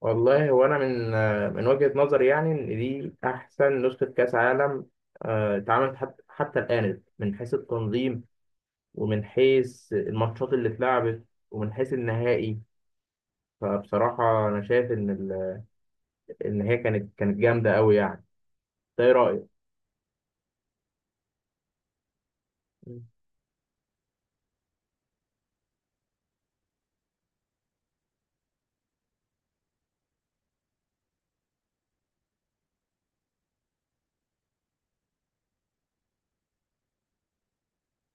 والله هو أنا من وجهة نظري يعني إن دي أحسن نسخة كأس عالم اتعملت حتى الآن من حيث التنظيم، ومن حيث الماتشات اللي اتلعبت، ومن حيث النهائي. فبصراحة أنا شايف إن هي كانت جامدة أوي يعني، ده إيه رأيك؟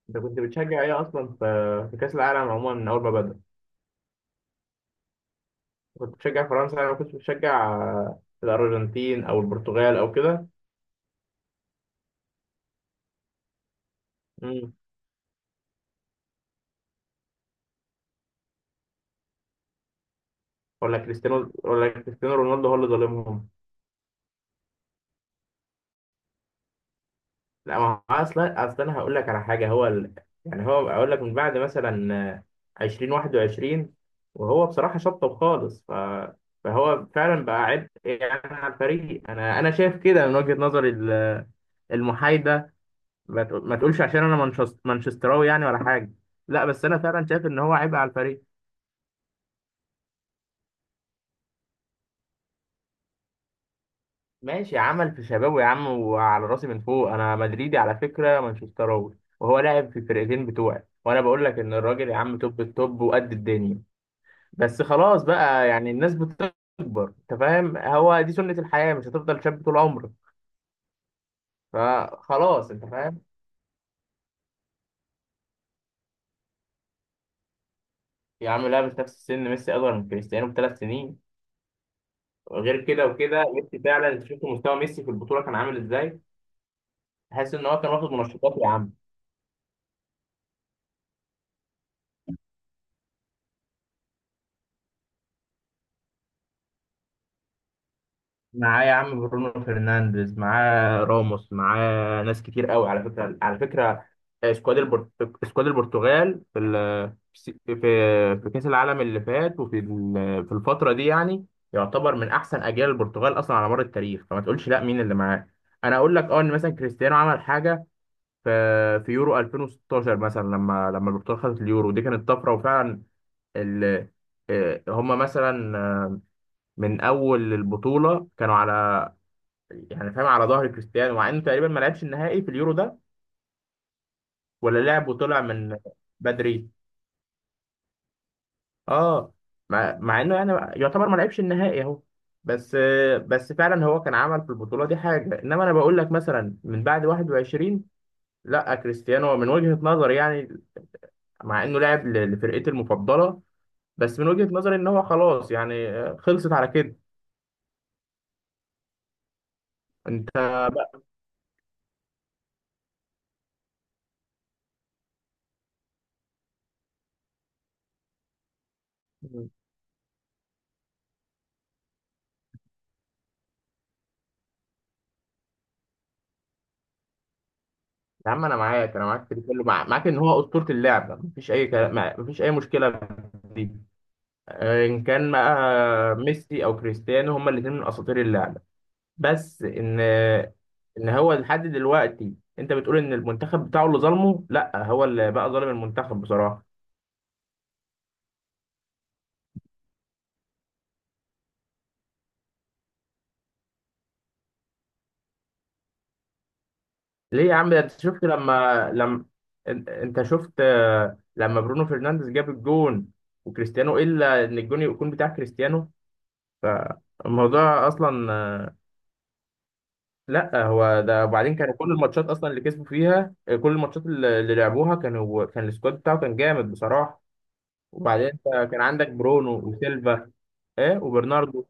أنت كنت بتشجع إيه أصلا في كأس العالم عموما من أول ما بدأ؟ كنت بتشجع فرنسا، أنا ما كنتش بتشجع الأرجنتين أو البرتغال أو كده؟ مم. ولا كريستيانو ولا كريستيانو رونالدو هو اللي ظالمهم؟ لا، ما هو اصلا انا هقول لك على حاجه، يعني هو اقول لك من بعد مثلا 2021، وهو بصراحه شطب خالص، فهو فعلا بقى عبء يعني على الفريق. انا شايف كده من وجهه نظري المحايده. ما تقولش عشان انا مانشستراوي يعني ولا حاجه. لا، بس انا فعلا شايف ان هو عبء على الفريق. ماشي، عمل في شبابه يا عم، وعلى راسي من فوق. انا مدريدي على فكره، مانشستراوي وهو لاعب في الفرقتين بتوعي، وانا بقول لك ان الراجل يا عم توب التوب وقد الدنيا. بس خلاص بقى، يعني الناس بتكبر، انت فاهم، هو دي سنة الحياة، مش هتفضل شاب طول عمرك. فخلاص، انت فاهم. يا عم لعب في نفس السن، ميسي اصغر من كريستيانو ب3 سنين. غير كده وكده، ميسي فعلا انت شفت مستوى ميسي في البطولة كان عامل ازاي. تحس ان هو كان واخد منشطات يا عم. معاه يا عم برونو فرنانديز، معاه راموس، معاه ناس كتير قوي، على فكره. آه، سكواد البرت... سكواد البرتغال في في كاس العالم اللي فات، في الفتره دي، يعني يعتبر من احسن اجيال البرتغال اصلا على مر التاريخ. فما تقولش لا مين اللي معاه. انا اقول لك ان مثلا كريستيانو عمل حاجه في في يورو 2016 مثلا، لما البرتغال خدت اليورو دي كانت طفره. وفعلا، ال... آه، هم مثلا من اول البطوله كانوا على يعني فاهم، على ظهر كريستيانو، مع انه تقريبا ما لعبش النهائي في اليورو ده ولا لعب، وطلع من بدري. اه مع انه يعني يعتبر ما لعبش النهائي اهو. بس بس فعلا هو كان عمل في البطوله دي حاجه، انما انا بقول لك مثلا من بعد 21، لا كريستيانو من وجهه نظري يعني، مع انه لعب لفرقتي المفضله، بس من وجهه نظري ان هو خلاص يعني خلصت على كده. انت بقى؟ يا عم انا معاك انا معاك في ده كله، معاك ان هو اسطوره اللعبه، مفيش اي كلام، مفيش اي مشكله. دي ان كان بقى ميسي او كريستيانو، هما الاثنين من اساطير اللعبه. بس ان هو لحد دلوقتي، انت بتقول ان المنتخب بتاعه اللي ظلمه، لا هو اللي بقى ظالم المنتخب بصراحه. ليه يا عم؟ ده انت شفت لما، انت شفت لما برونو فرنانديز جاب الجون، وكريستيانو الا ان الجون يكون بتاع كريستيانو. فالموضوع اصلا لا، هو ده. وبعدين كانوا كل الماتشات اصلا اللي كسبوا فيها، كل الماتشات اللي لعبوها، كان السكواد بتاعه كان جامد بصراحه. وبعدين انت كان عندك برونو وسيلفا، ايه؟ وبرناردو.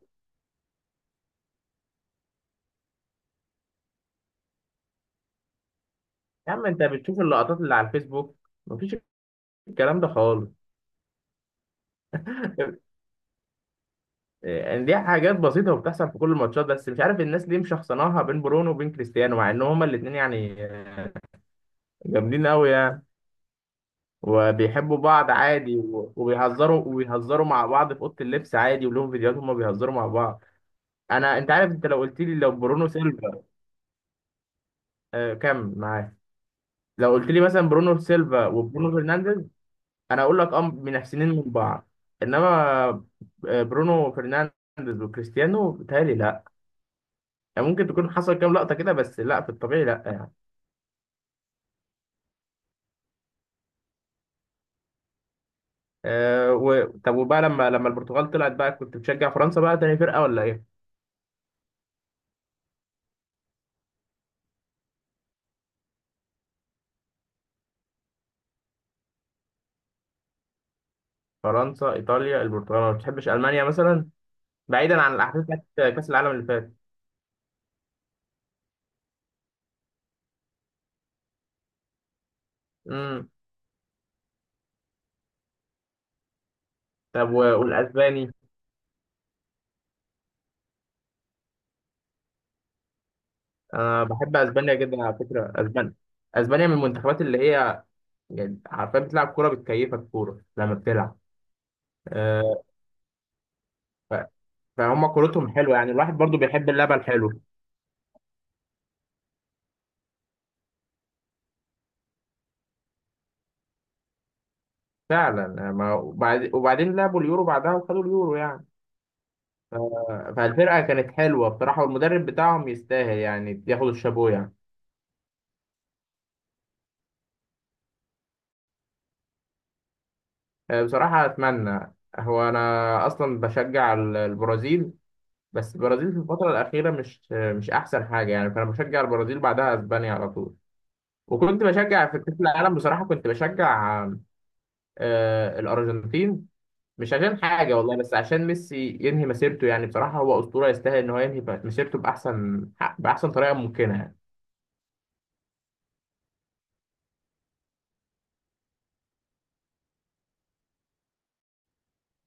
يا عم انت بتشوف اللقطات اللي على الفيسبوك، مفيش الكلام ده خالص. يعني دي حاجات بسيطه وبتحصل في كل الماتشات، بس مش عارف الناس ليه مشخصناها بين برونو وبين كريستيانو، مع ان هما الاثنين يعني جامدين قوي يعني. وبيحبوا بعض عادي، وبيهزروا مع بعض في اوضه اللبس عادي، ولهم فيديوهات هما بيهزروا مع بعض. انا انت عارف، انت لو قلت لي لو برونو سيلفا، كمل معاك. لو قلت لي مثلا برونو سيلفا وبرونو فرنانديز، انا اقول لك اه من احسنين من بعض، انما برونو فرنانديز وكريستيانو بيتهيألي لا. يعني ممكن تكون حصل كام لقطه كده، بس لا في الطبيعي لا يعني. طب وبقى لما البرتغال طلعت بقى، كنت بتشجع فرنسا بقى تاني فرقه ولا ايه؟ فرنسا، ايطاليا، البرتغال، ما بتحبش المانيا مثلا؟ بعيدا عن الاحداث بتاعت كاس العالم اللي فات. امم. طب والاسباني؟ انا بحب اسبانيا جدا على فكره. اسبانيا، اسبانيا من المنتخبات اللي هي يعني عارفه بتلعب كوره بتكيفك، كوره لما بتلعب. أه ف- فهم كورتهم حلوه يعني، الواحد برضو بيحب اللعبه الحلوه. فعلا، وبعدين لعبوا اليورو بعدها وخدوا اليورو يعني. ف- فالفرقه كانت حلوه بصراحه، والمدرب بتاعهم يستاهل يعني ياخد الشابو يعني. بصراحه اتمنى. هو انا اصلا بشجع البرازيل، بس البرازيل في الفتره الاخيره مش احسن حاجه يعني، فانا بشجع البرازيل، بعدها اسبانيا على طول. وكنت بشجع في كأس العالم بصراحة، كنت بشجع الأرجنتين، مش عشان حاجة والله، بس عشان ميسي ينهي مسيرته يعني. بصراحة هو أسطورة، يستاهل إن هو ينهي مسيرته بأحسن طريقة ممكنة يعني.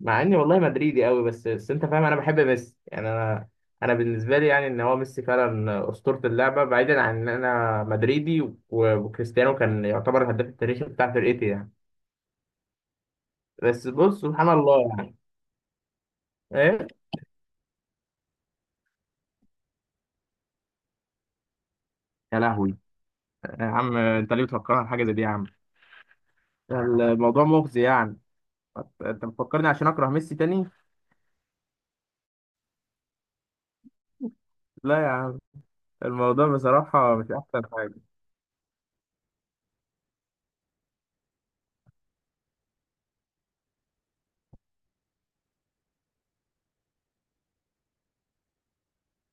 مع إني والله مدريدي قوي، بس بس أنت فاهم، أنا بحب ميسي يعني أنا بالنسبة لي يعني إن هو ميسي فعلا أسطورة اللعبة، بعيدا عن إن أنا مدريدي، وكريستيانو كان يعتبر الهداف التاريخي بتاع فرقتي يعني. بس بص سبحان الله يعني. إيه؟ يا لهوي. يا عم أنت ليه بتفكرها بحاجة زي دي يا عم؟ الموضوع مغزي يعني. انت مفكرني عشان اكره ميسي تاني. لا يا عم، الموضوع بصراحة مش احسن حاجة.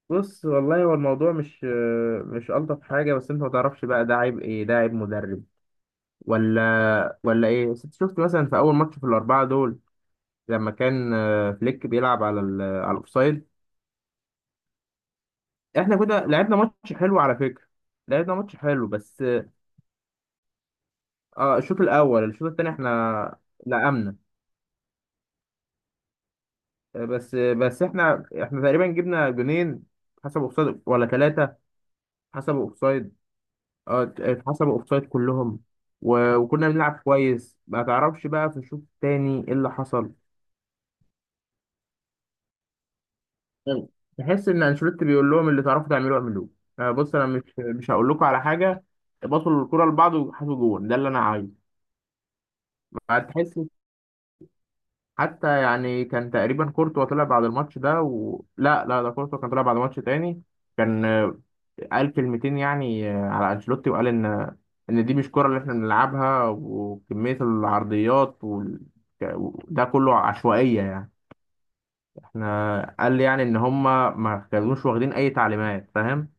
بص، والله هو الموضوع مش الطف حاجة، بس انت ما تعرفش بقى، ده عيب ايه؟ ده عيب مدرب ولا ايه؟ بس انت شفت مثلا في اول ماتش في الاربعة دول، لما كان فليك بيلعب على الاوفسايد. احنا كده لعبنا ماتش حلو على فكرة، لعبنا ماتش حلو بس. اه، الشوط الاول الشوط التاني احنا لقمنا. بس بس احنا تقريبا جبنا جونين حسب اوفسايد ولا ثلاثة. حسب اوفسايد، اه، حسب اوفسايد كلهم، وكنا بنلعب كويس. ما تعرفش بقى في الشوط التاني ايه اللي حصل. تحس ان انشيلوتي بيقول لهم اللي تعرفوا تعملوه اعملوه. بص انا مش هقول لكم على حاجة، بطلوا الكرة لبعض وحطوا جون ده اللي انا عايزه. تحس، حتى يعني كان تقريبا كورتوا طلع بعد الماتش ده، لا لا، ده كورتوا كان طلع بعد ماتش تاني. كان قال كلمتين يعني على انشيلوتي، وقال ان ان دي مش كرة اللي احنا بنلعبها، وكمية العرضيات ده كله عشوائية يعني. احنا، قال لي يعني ان هما ما كانوش واخدين اي تعليمات، فاهم؟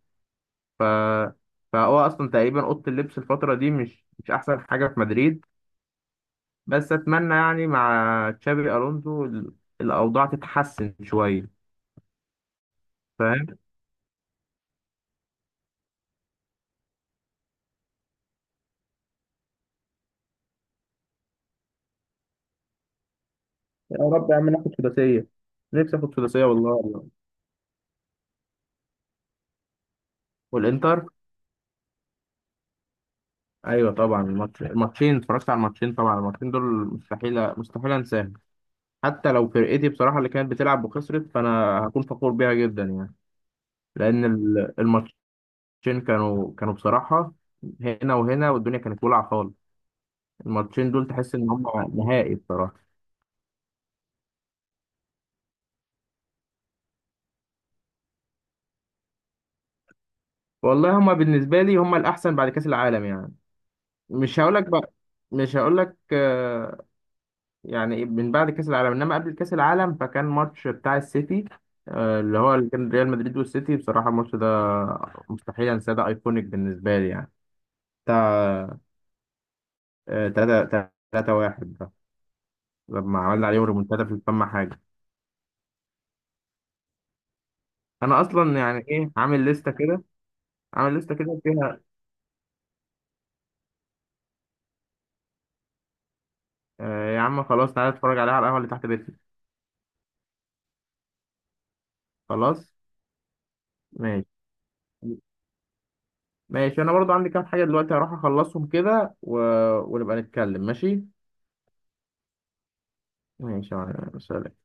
ف... فهو اصلا تقريبا اوضة اللبس الفترة دي مش احسن حاجة في مدريد، بس اتمنى يعني مع تشابي الونزو الاوضاع تتحسن شويه فاهم. يا رب يا عم ناخد سداسيه. نفسي اخد سداسيه والله والله. والانتر. ايوه طبعا الماتشين اتفرجت على الماتشين طبعا. الماتشين دول مستحيل مستحيل انساهم. حتى لو فرقتي بصراحه اللي كانت بتلعب وخسرت، فانا هكون فخور بيها جدا يعني، لان الماتشين كانوا بصراحه هنا وهنا، والدنيا كانت ولعه خالص. الماتشين دول تحس ان هم نهائي بصراحه. والله هم بالنسبه لي هم الاحسن بعد كاس العالم يعني. مش هقولك بقى مش هقولك يعني من بعد كأس العالم، انما قبل كأس العالم، فكان ماتش بتاع السيتي، اللي هو اللي كان ريال مدريد والسيتي. بصراحة الماتش ده مستحيل انساه، ده ايكونيك بالنسبة لي يعني. بتاع 3 3 1 ده، لما عملنا عليهم ريمونتادا في الفم حاجة. انا اصلا يعني ايه عامل لستة كده، عامل لستة كده فيها. آه، يا عم خلاص تعالى اتفرج عليها على القهوة اللي تحت بيتنا. خلاص. ماشي ماشي، انا برضو عندي كام حاجة دلوقتي هروح اخلصهم كده، و... ونبقى نتكلم. ماشي. ماشي يا معلم. سلام.